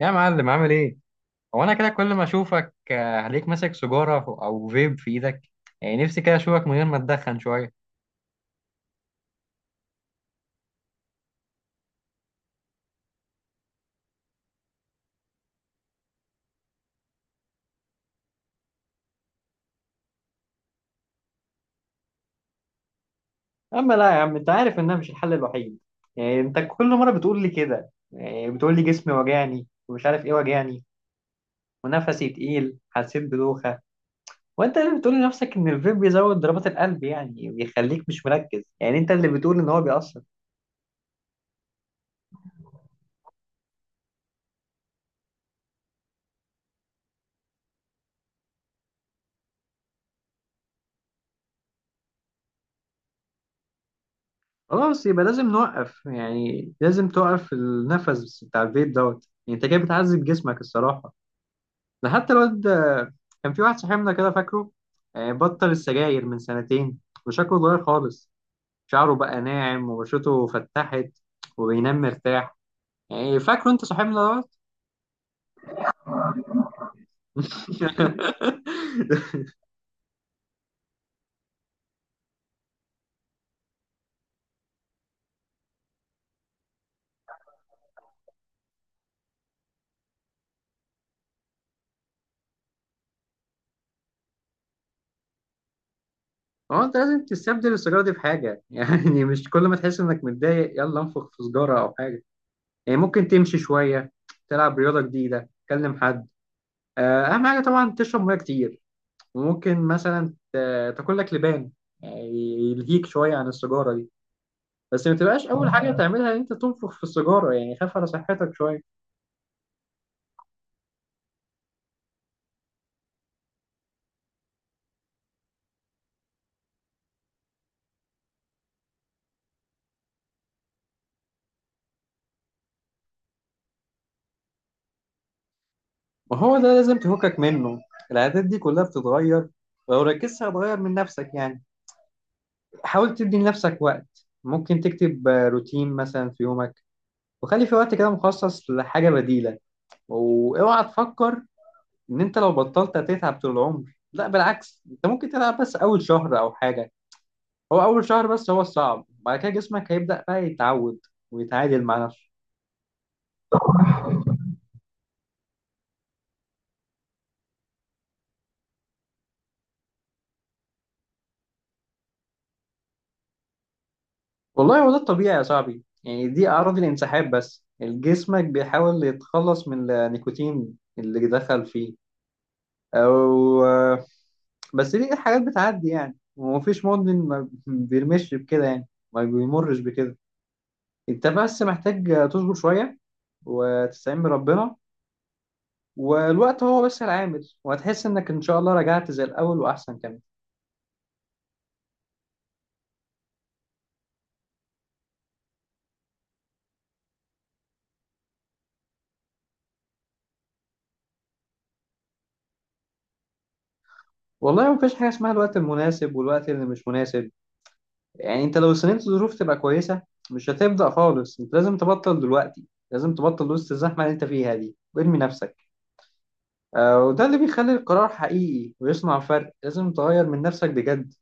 يا معلم، عامل ايه؟ هو انا كده كل ما اشوفك هلاقيك ماسك سيجارة او فيب في ايدك. يعني نفسي كده اشوفك من غير ما تدخن شوية. اما لا يا عم، انت عارف انها مش الحل الوحيد. يعني انت كل مره بتقول لي كده، يعني بتقول لي جسمي وجعني ومش عارف ايه وجعني، ونفسي تقيل، حسيت بدوخه. وانت اللي بتقول لنفسك ان الفيب بيزود ضربات القلب، يعني بيخليك مش مركز، يعني انت اللي بتقول ان هو بيأثر. خلاص، يبقى لازم نوقف، يعني لازم توقف النفس بتاع الفيب دوت. يعني انت كده بتعذب جسمك الصراحه. ده حتى الواد، كان في واحد صاحبنا كده فاكره، بطل السجاير من سنتين وشكله اتغير خالص. شعره بقى ناعم وبشرته فتحت وبينام مرتاح. يعني فاكره انت صاحبنا دوت. هو انت لازم تستبدل السيجاره دي بحاجه. يعني مش كل ما تحس انك متضايق يلا انفخ في سيجاره او حاجه. يعني ممكن تمشي شويه، تلعب رياضه جديده، تكلم حد. اهم حاجه طبعا تشرب ميه كتير. وممكن مثلا تاكل لك لبان، يعني يلهيك شويه عن السيجاره دي. بس ما تبقاش اول حاجه تعملها ان انت تنفخ في السيجاره. يعني خاف على صحتك شويه. وهو ده لازم تفكك منه، العادات دي كلها بتتغير، ولو ركزت هتغير من نفسك. يعني حاول تدي لنفسك وقت. ممكن تكتب روتين مثلا في يومك، وخلي في وقت كده مخصص لحاجه بديله. واوعى تفكر ان انت لو بطلت هتتعب طول العمر. لا، بالعكس، انت ممكن تلعب بس اول شهر او حاجه. هو اول شهر بس هو الصعب. بعد كده جسمك هيبدأ بقى يتعود ويتعادل مع نفسه. والله، هو ده الطبيعي يا صاحبي. يعني دي اعراض الانسحاب، بس جسمك بيحاول يتخلص من النيكوتين اللي دخل فيه. او بس دي حاجات بتعدي. يعني، ومفيش مدمن ما بيرمش بكده، يعني ما بيمرش بكده. انت بس محتاج تصبر شوية وتستعين بربنا. والوقت هو بس العامل، وهتحس انك ان شاء الله رجعت زي الاول واحسن كمان. والله مفيش حاجة اسمها الوقت المناسب والوقت اللي مش مناسب. يعني انت لو استنيت الظروف تبقى كويسة، مش هتبدأ خالص. انت لازم تبطل دلوقتي، لازم تبطل وسط الزحمة اللي انت فيها دي وارمي نفسك. وده اللي بيخلي القرار حقيقي ويصنع فرق. لازم تغير من نفسك بجد.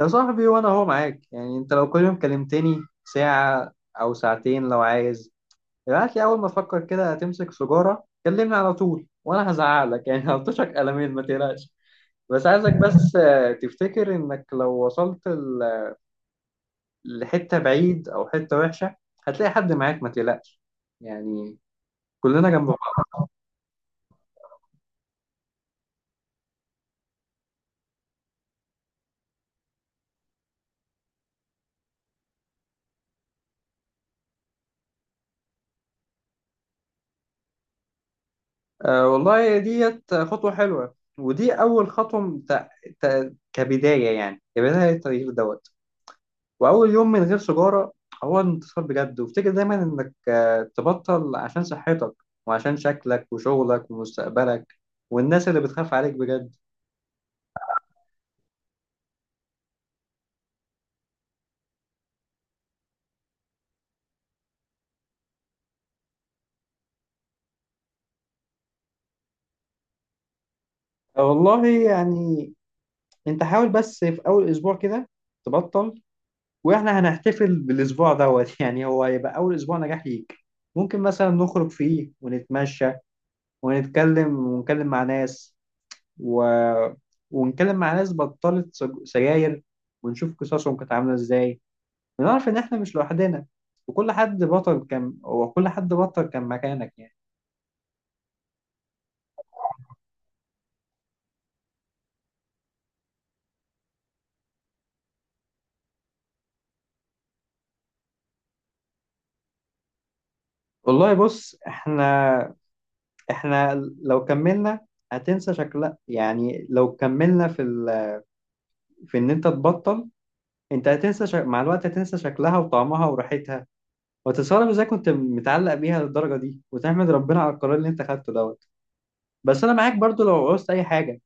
يا صاحبي، وانا اهو معاك. يعني انت لو كل يوم كلمتني ساعة او ساعتين، لو عايز ابعت لي اول ما تفكر كده تمسك سيجارة، كلمني على طول. وانا هزعلك، يعني هلطشك قلمين، ما تقلقش. بس عايزك بس تفتكر انك لو وصلت لحتة بعيد او حتة وحشة، هتلاقي حد معاك، ما تقلقش. يعني كلنا جنب بعض. آه والله، ديت خطوة حلوة. ودي اول خطوة كبداية، يعني كبداية التغيير دوت. واول يوم من غير سيجارة هو انتصار بجد. وافتكر دايما انك تبطل عشان صحتك وعشان شكلك وشغلك ومستقبلك والناس اللي بتخاف عليك بجد. آه، والله، يعني انت حاول بس في اول اسبوع كده تبطل. واحنا هنحتفل بالاسبوع دوت. يعني هو هيبقى اول اسبوع نجاح ليك. ممكن مثلا نخرج فيه ونتمشى ونتكلم، ونتكلم مع ناس، و... ونتكلم مع ناس بطلت سجاير، ونشوف قصصهم كانت عامله ازاي، ونعرف ان احنا مش لوحدنا. وكل حد بطل كان، وكل حد بطل كان مكانك يعني. والله، بص، احنا لو كملنا هتنسى شكلها. يعني لو كملنا في في ان انت تبطل، انت هتنسى مع الوقت هتنسى شكلها وطعمها وريحتها. وتستغرب ازاي كنت متعلق بيها للدرجه دي، وتحمد ربنا على القرار اللي انت خدته دوت. بس انا معاك برضو لو عوزت اي حاجه.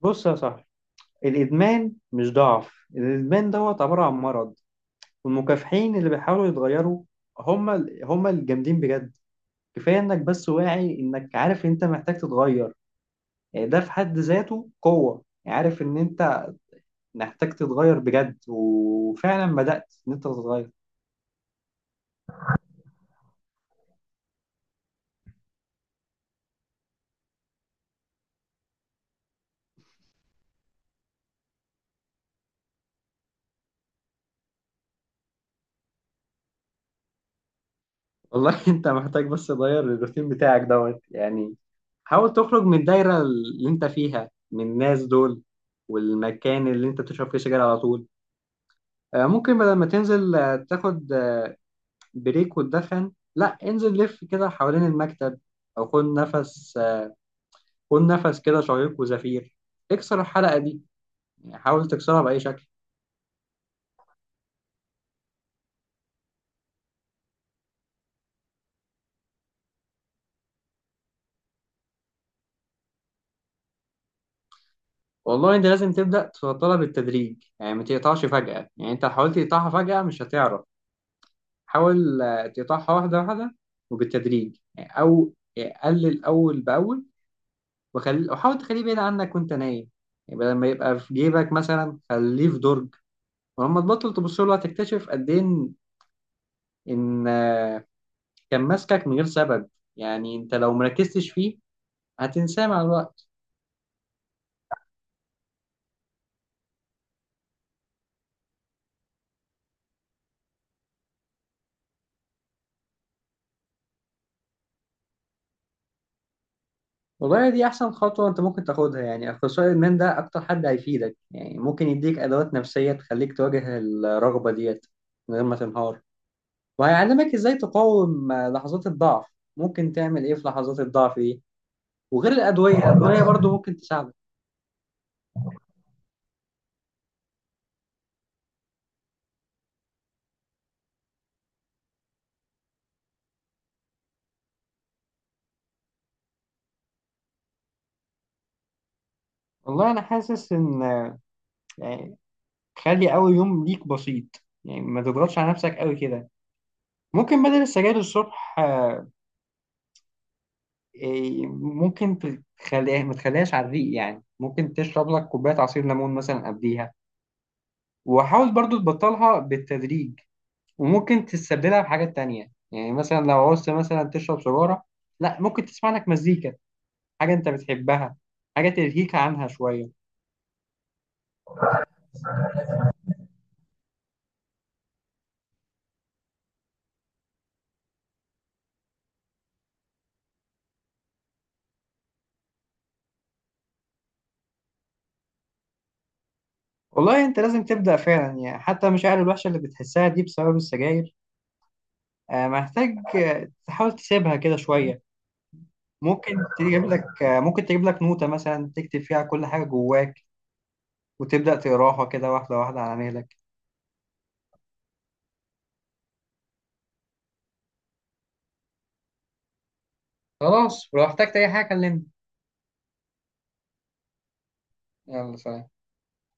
بص يا صاحبي، الادمان مش ضعف، الادمان دوت عباره عن مرض. والمكافحين اللي بيحاولوا يتغيروا هم الجامدين بجد. كفايه انك بس واعي انك عارف انت محتاج تتغير. يعني ده في حد ذاته قوه. عارف ان انت محتاج تتغير بجد، وفعلا بدأت ان انت تتغير. والله. انت محتاج بس تغير الروتين بتاعك دوت. يعني حاول تخرج من الدايرة اللي انت فيها، من الناس دول والمكان اللي انت بتشرب فيه سجاير على طول. ممكن بدل ما تنزل تاخد بريك وتدخن، لا، انزل لف كده حوالين المكتب. او خد نفس، خد نفس كده، شهيق وزفير. اكسر الحلقة دي، يعني حاول تكسرها بأي شكل. والله انت لازم تبدأ تفضلها بالتدريج. يعني ما تقطعش فجأة. يعني انت لو حاولت تقطعها فجأة مش هتعرف. حاول تقطعها واحدة واحدة وبالتدريج، يعني. او يعني قلل اول باول. وخلي، وحاول تخليه بعيد عنك وانت نايم. يعني بدل ما يبقى في جيبك مثلا خليه في درج. ولما تبطل تبص له هتكتشف قد ايه ان إن، آه، كان ماسكك من غير سبب. يعني انت لو مركزتش فيه هتنساه مع الوقت. والله، دي أحسن خطوة أنت ممكن تاخدها. يعني أخصائي الإدمان ده أكتر حد هيفيدك. يعني ممكن يديك أدوات نفسية تخليك تواجه الرغبة ديت من غير ما تنهار. وهيعلمك إزاي تقاوم لحظات الضعف، ممكن تعمل إيه في لحظات الضعف دي. وغير الأدوية برضو ممكن تساعدك. والله أنا حاسس إن، يعني خلي أول يوم ليك بسيط. يعني ما تضغطش على نفسك قوي كده. ممكن بدل السجاير الصبح، آه، إيه، ممكن تخليها، ما تخليهاش على الريق. يعني ممكن تشرب لك كوباية عصير ليمون مثلا قبليها. وحاول برضو تبطلها بالتدريج. وممكن تستبدلها بحاجات تانية. يعني مثلا لو عوزت مثلا تشرب سيجارة، لا، ممكن تسمع لك مزيكا، حاجة انت بتحبها، حاجة تلهيك عنها شوية. والله انت لازم تبدأ فعلا. يعني حتى المشاعر الوحشة اللي بتحسها دي بسبب السجاير. محتاج تحاول تسيبها كده شوية. ممكن تجيب لك نوتة مثلا تكتب فيها كل حاجة جواك، وتبدأ تقراها كده واحدة واحدة على مهلك. خلاص، ولو احتجت أي حاجة كلمني. يلا سلام.